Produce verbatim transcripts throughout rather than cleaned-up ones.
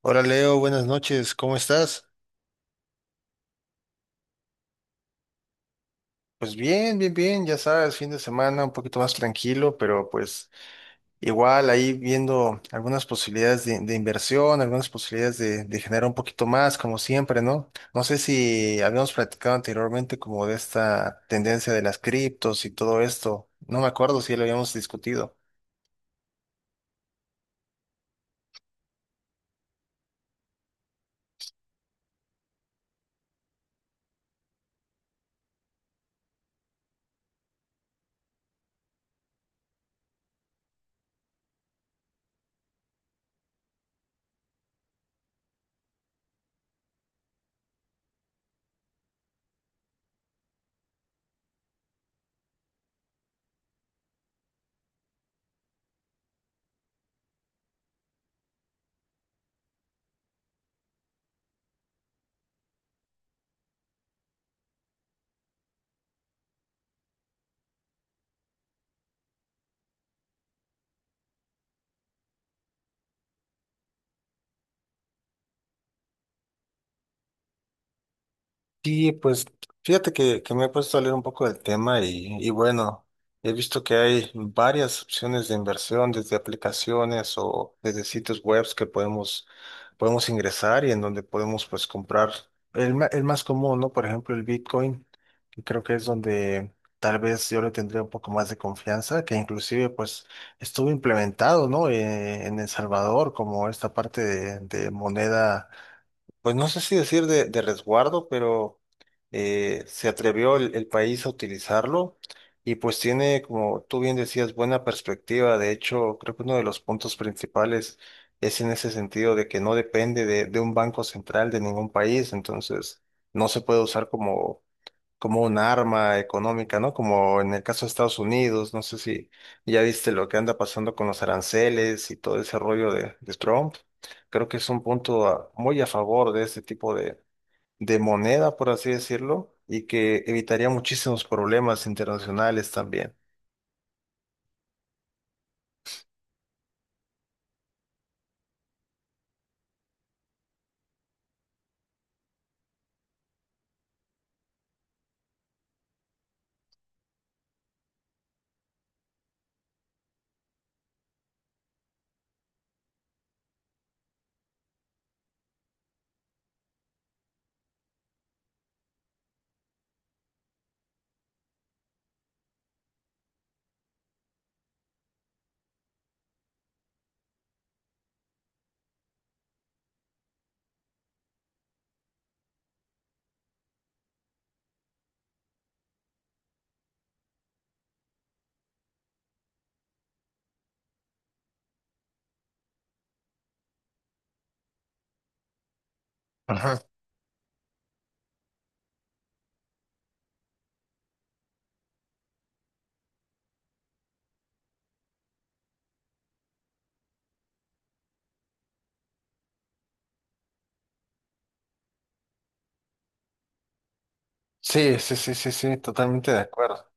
Hola Leo, buenas noches, ¿cómo estás? Pues bien, bien, bien, ya sabes, fin de semana un poquito más tranquilo, pero pues igual ahí viendo algunas posibilidades de, de inversión, algunas posibilidades de, de generar un poquito más, como siempre, ¿no? No sé si habíamos platicado anteriormente como de esta tendencia de las criptos y todo esto, no me acuerdo si ya lo habíamos discutido. Sí, pues fíjate que, que me he puesto a leer un poco del tema y, y bueno, he visto que hay varias opciones de inversión desde aplicaciones o desde sitios webs que podemos, podemos ingresar y en donde podemos pues comprar el, ma- el más común, ¿no? Por ejemplo, el Bitcoin, que creo que es donde tal vez yo le tendría un poco más de confianza, que inclusive pues estuvo implementado, ¿no? Eh, en El Salvador como esta parte de de moneda pues no sé si decir de, de resguardo, pero eh, se atrevió el, el país a utilizarlo y pues tiene, como tú bien decías, buena perspectiva. De hecho, creo que uno de los puntos principales es en ese sentido de que no depende de, de un banco central de ningún país, entonces no se puede usar como como un arma económica, ¿no? Como en el caso de Estados Unidos, no sé si ya viste lo que anda pasando con los aranceles y todo ese rollo de, de Trump. Creo que es un punto a- muy a favor de este tipo de, de moneda, por así decirlo, y que evitaría muchísimos problemas internacionales también. Ajá. Sí, sí, sí, sí, sí, totalmente de acuerdo.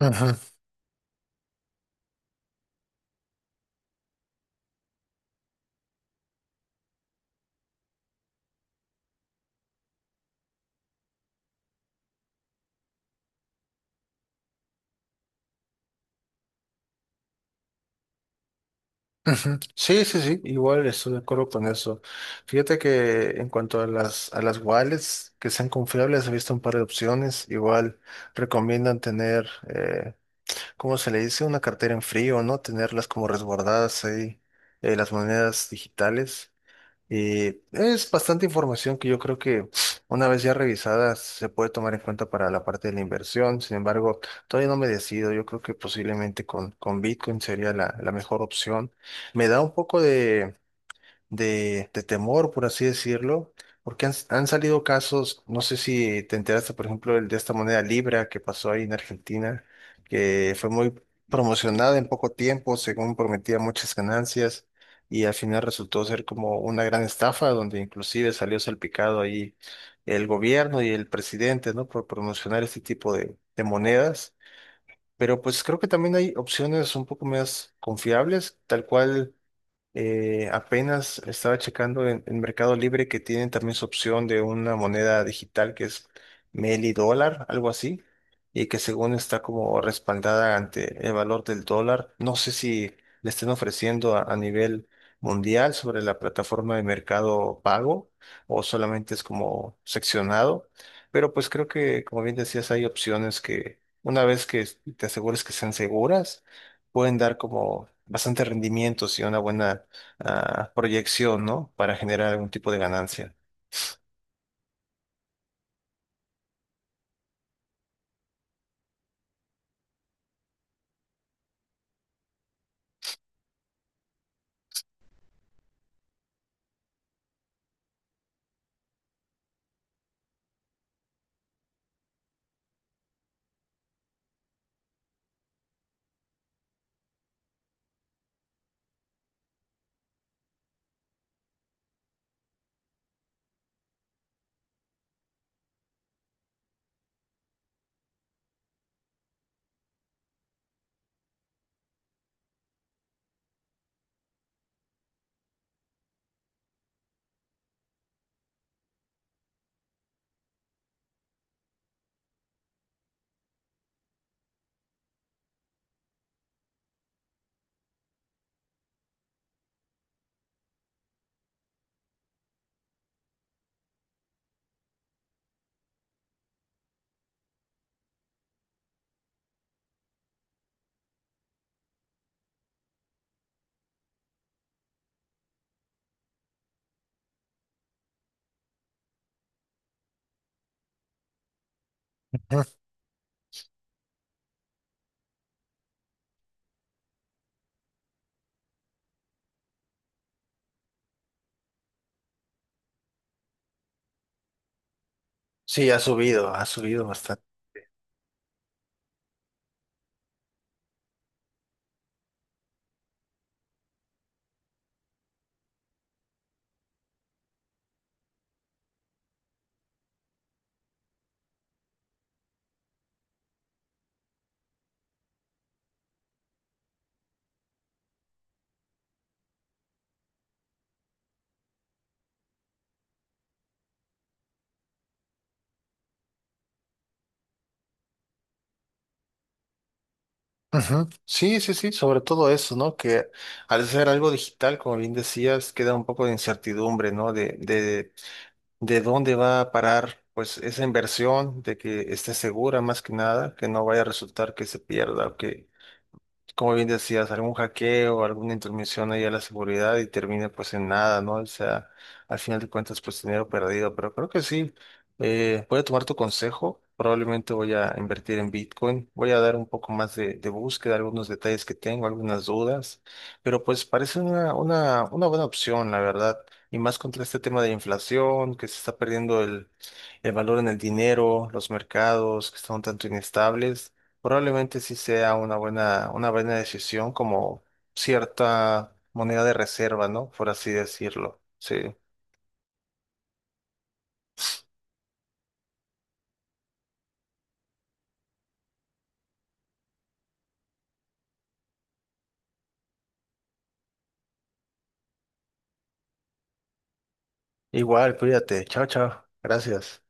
Ajá. Ujú. Sí, sí, sí, igual estoy de acuerdo con eso. Fíjate que en cuanto a las, a las wallets que sean confiables, he visto un par de opciones. Igual recomiendan tener, eh, ¿cómo se le dice? Una cartera en frío, ¿no? Tenerlas como resguardadas ahí, eh, las monedas digitales. Y es bastante información que yo creo que una vez ya revisada se puede tomar en cuenta para la parte de la inversión. Sin embargo, todavía no me decido. Yo creo que posiblemente con, con Bitcoin sería la, la mejor opción. Me da un poco de, de, de temor, por así decirlo, porque han, han salido casos, no sé si te enteraste, por ejemplo, el de esta moneda Libra que pasó ahí en Argentina, que fue muy promocionada en poco tiempo, según prometía muchas ganancias, y al final resultó ser como una gran estafa, donde inclusive salió salpicado ahí el gobierno y el presidente, ¿no? Por promocionar este tipo de, de monedas. Pero pues creo que también hay opciones un poco más confiables, tal cual eh, apenas estaba checando en, en Mercado Libre que tienen también su opción de una moneda digital que es Meli dólar, algo así, y que según está como respaldada ante el valor del dólar. No sé si le estén ofreciendo a, a nivel mundial sobre la plataforma de Mercado Pago o solamente es como seccionado, pero pues creo que, como bien decías, hay opciones que una vez que te asegures que sean seguras, pueden dar como bastante rendimientos y una buena ah, proyección, ¿no? Para generar algún tipo de ganancia. Ujú. Sí, ha subido, ha subido bastante. Ujú. Sí, sí, sí, sobre todo eso, ¿no? Que al ser algo digital, como bien decías, queda un poco de incertidumbre, ¿no? De, de, de dónde va a parar, pues, esa inversión, de que esté segura más que nada, que no vaya a resultar que se pierda, o que como bien decías, algún hackeo, alguna intromisión ahí a la seguridad y termina pues en nada, ¿no? O sea, al final de cuentas pues dinero perdido, pero creo que sí, eh, voy a tomar tu consejo, probablemente voy a invertir en Bitcoin, voy a dar un poco más de, de búsqueda, algunos detalles que tengo, algunas dudas, pero pues parece una, una, una buena opción, la verdad, y más contra este tema de inflación, que se está perdiendo el, el valor en el dinero, los mercados que están un tanto inestables. Probablemente sí sea una buena, una buena decisión como cierta moneda de reserva, ¿no? Por así decirlo. Sí. Igual, cuídate. Chao, chao. Gracias.